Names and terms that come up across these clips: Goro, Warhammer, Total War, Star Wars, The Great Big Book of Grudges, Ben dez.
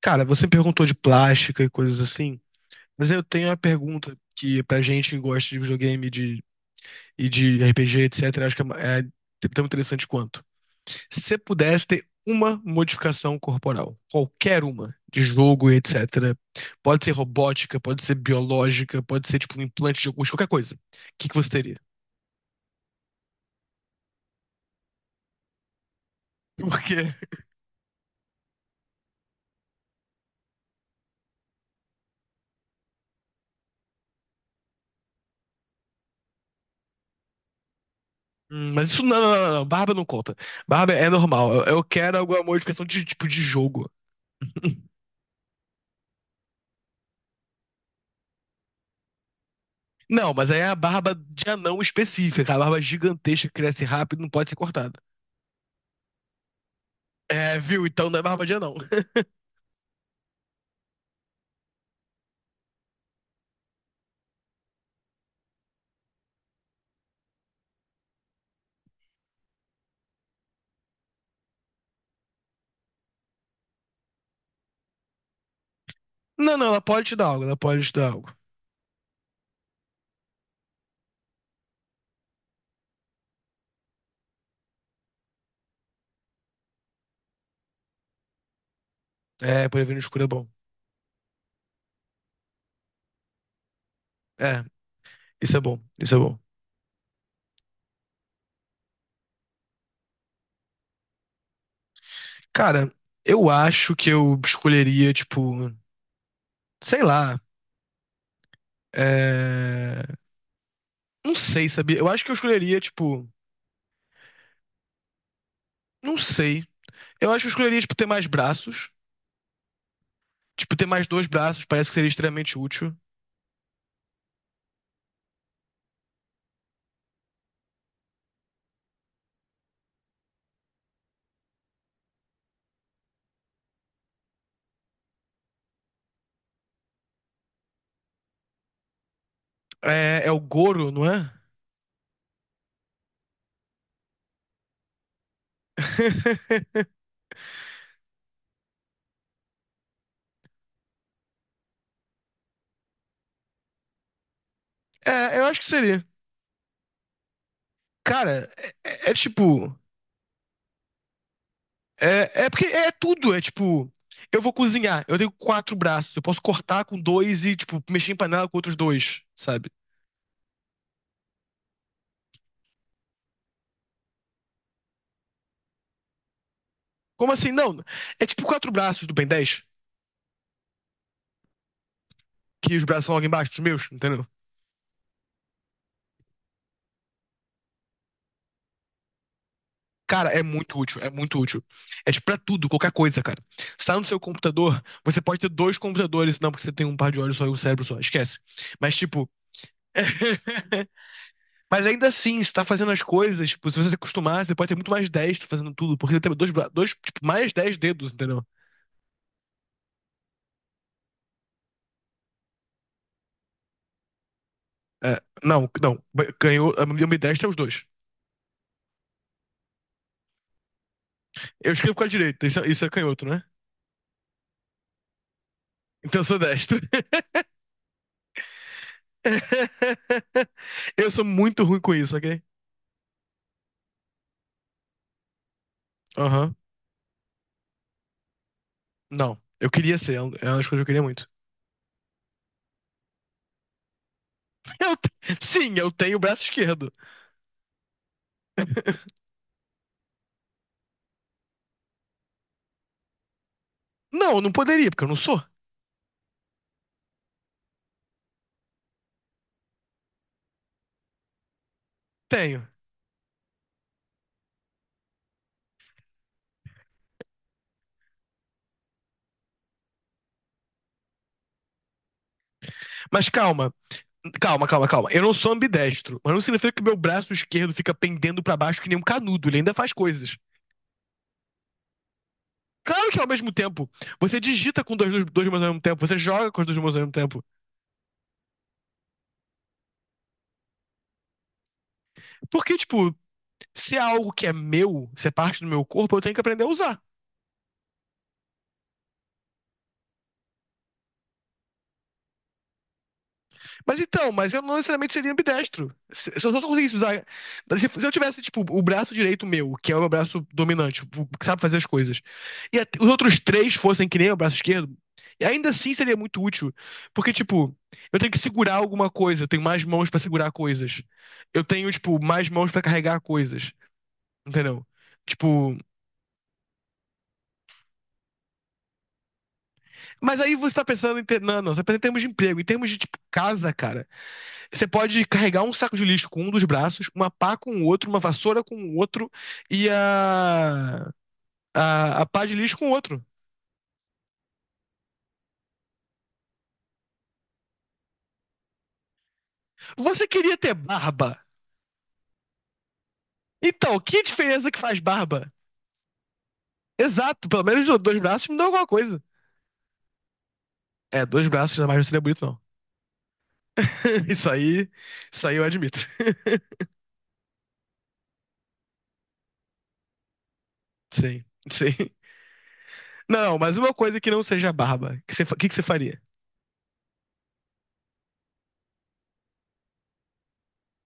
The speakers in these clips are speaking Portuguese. Cara, você perguntou de plástica e coisas assim, mas eu tenho uma pergunta que pra gente que gosta de videogame e de RPG, etc., acho que é tão interessante quanto. Se você pudesse ter uma modificação corporal, qualquer uma, de jogo e etc., pode ser robótica, pode ser biológica, pode ser tipo um implante de alguns, qualquer coisa, o que que você teria? Porque, mas isso não, não, não, não, barba não conta. Barba é normal, eu quero alguma modificação de tipo de jogo. Não, mas aí é a barba de anão específica, a barba gigantesca que cresce rápido e não pode ser cortada. É, viu? Então não é barba de anão. Não, não, ela pode te dar algo, ela pode te dar algo. É, poder ver no escuro é bom. É, isso é bom, isso é bom. Cara, eu acho que eu escolheria, tipo, sei lá, é... não sei, sabia? Eu acho que eu escolheria, tipo, não sei. Eu acho que eu escolheria, tipo, ter mais braços. Tipo, ter mais dois braços parece que seria extremamente útil. É, é o Goro, não é? É, eu acho que seria. Cara, é tipo. É, é porque é tudo. É tipo. Eu vou cozinhar, eu tenho quatro braços, eu posso cortar com dois e, tipo, mexer em panela com outros dois, sabe? Como assim? Não. É tipo quatro braços do Ben 10, que os braços são logo embaixo dos meus, entendeu? Cara, é muito útil, é muito útil. É tipo pra tudo, qualquer coisa, cara. Você tá no seu computador, você pode ter dois computadores, não, porque você tem um par de olhos só e um cérebro só, esquece. Mas, tipo. Mas ainda assim, você tá fazendo as coisas, tipo, se você se acostumar, você pode ter muito mais destro fazendo tudo, porque você tem dois tipo, mais 10 dedos, entendeu? É, não, não, canhoto, a minha destra é os dois. Eu escrevo com a direita, isso é canhoto, né? Então eu sou destro. Eu sou muito ruim com isso, ok? Aham. Não, eu queria ser, é uma das coisas que eu queria muito. Eu te- sim, eu tenho o braço esquerdo. Não, eu não poderia, porque eu não sou. Tenho. Mas calma, calma, calma, calma. Eu não sou ambidestro, mas não significa que meu braço esquerdo fica pendendo pra baixo que nem um canudo. Ele ainda faz coisas. Claro que é ao mesmo tempo, você digita com dois mãos ao mesmo tempo, você joga com as duas mãos ao mesmo tempo. Porque, tipo, se é algo que é meu, se é parte do meu corpo, eu tenho que aprender a usar. Mas então, mas eu não necessariamente seria ambidestro. Se eu só conseguisse usar. Se eu tivesse, tipo, o braço direito meu, que é o meu braço dominante, o que sabe fazer as coisas, e os outros três fossem que nem o braço esquerdo, e ainda assim seria muito útil. Porque, tipo, eu tenho que segurar alguma coisa, eu tenho mais mãos pra segurar coisas. Eu tenho, tipo, mais mãos pra carregar coisas. Entendeu? Tipo. Mas aí você tá pensando em. Ter. Não, não, você tá pensando em termos de emprego, em termos de, tipo, casa, cara. Você pode carregar um saco de lixo com um dos braços, uma pá com o outro, uma vassoura com o outro e a pá de lixo com o outro. Você queria ter barba? Então, que diferença que faz barba? Exato, pelo menos dois braços me dão alguma coisa. É, dois braços jamais não seria bonito, não. Isso aí, isso aí eu admito. Sim, sim. Não, mas uma coisa que não seja barba, que você faria?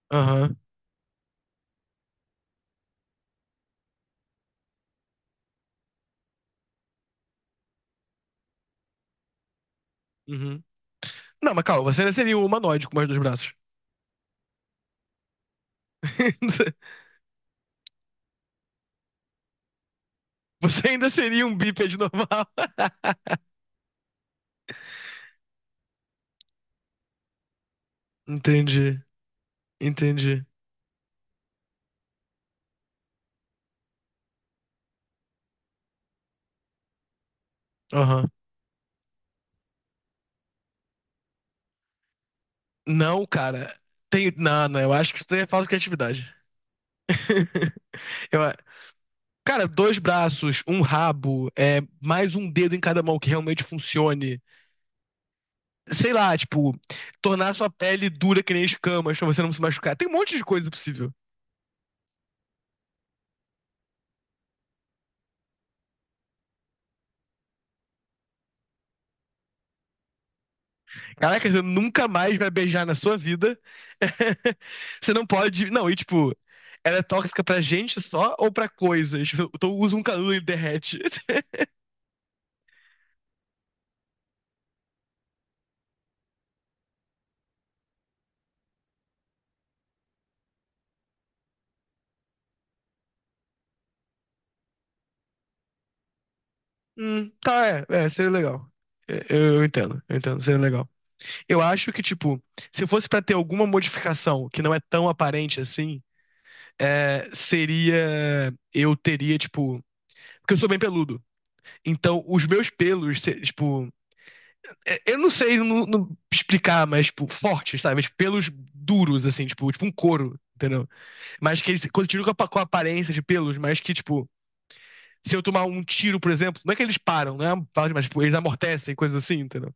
Aham, uhum. Não, mas calma, você seria um humanoide com mais dois braços. Você ainda seria um bípede normal. Entendi, entendi. Aham. Não, cara. Tem. Não, não, eu acho que isso daí é falta de criatividade. Eu. Cara, dois braços, um rabo, mais um dedo em cada mão que realmente funcione. Sei lá, tipo, tornar sua pele dura que nem escamas pra você não se machucar. Tem um monte de coisa possível. Caraca, você nunca mais vai beijar na sua vida. Você não pode. Não, e tipo, ela é tóxica pra gente só ou pra coisas? Uso um canudo e derrete. Tá, seria legal. É, eu entendo, eu entendo, seria legal. Eu acho que, tipo, se fosse pra ter alguma modificação que não é tão aparente assim, seria. Eu teria, tipo. Porque eu sou bem peludo. Então, os meus pelos, tipo. Eu não sei no explicar, mas, tipo, fortes, sabe? Tipo, pelos duros, assim, tipo um couro, entendeu? Mas que eles continuam com a aparência de pelos, mas que, tipo, se eu tomar um tiro, por exemplo, não é que eles param, né? Mas, tipo, eles amortecem, coisas assim, entendeu?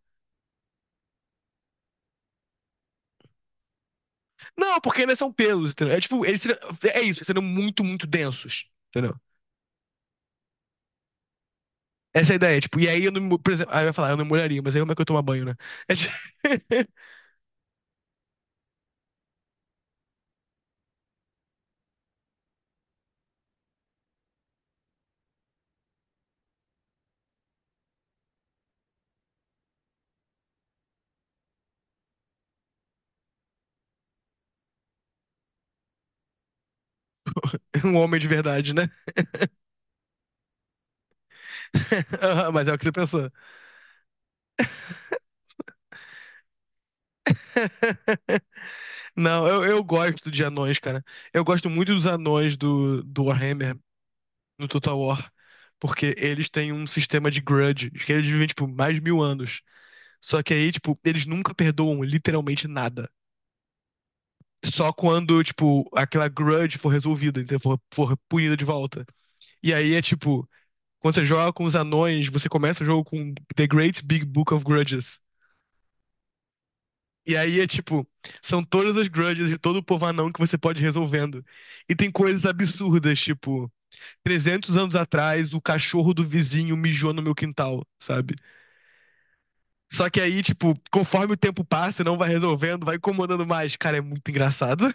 Não, porque ainda são pelos, entendeu? É tipo, é isso, eles serão muito, muito densos, entendeu? Essa é a ideia, tipo, e aí eu não, por exemplo, aí eu ia falar, eu não molharia, mas aí como é que eu tomo banho, né? É tipo, um homem de verdade, né? Aham. Mas é o que você pensou. Não, eu gosto de anões, cara. Eu gosto muito dos anões do Warhammer no Total War, porque eles têm um sistema de grudge, que eles vivem, tipo, mais de 1.000 anos. Só que aí, tipo, eles nunca perdoam literalmente nada. Só quando, tipo, aquela grudge for resolvida, então for punida de volta. E aí é tipo, quando você joga com os anões, você começa o jogo com The Great Big Book of Grudges. E aí é tipo, são todas as grudges de todo o povo anão que você pode ir resolvendo. E tem coisas absurdas, tipo, 300 anos atrás, o cachorro do vizinho mijou no meu quintal, sabe? Só que aí, tipo, conforme o tempo passa, não vai resolvendo, vai incomodando mais. Cara, é muito engraçado.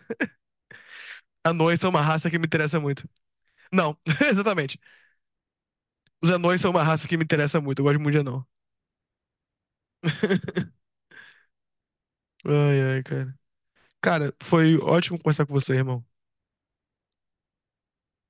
Anões são uma raça que me interessa muito. Não, exatamente. Os anões são uma raça que me interessa muito. Eu gosto muito de anão. Ai, ai, cara. Cara, foi ótimo conversar com você, irmão.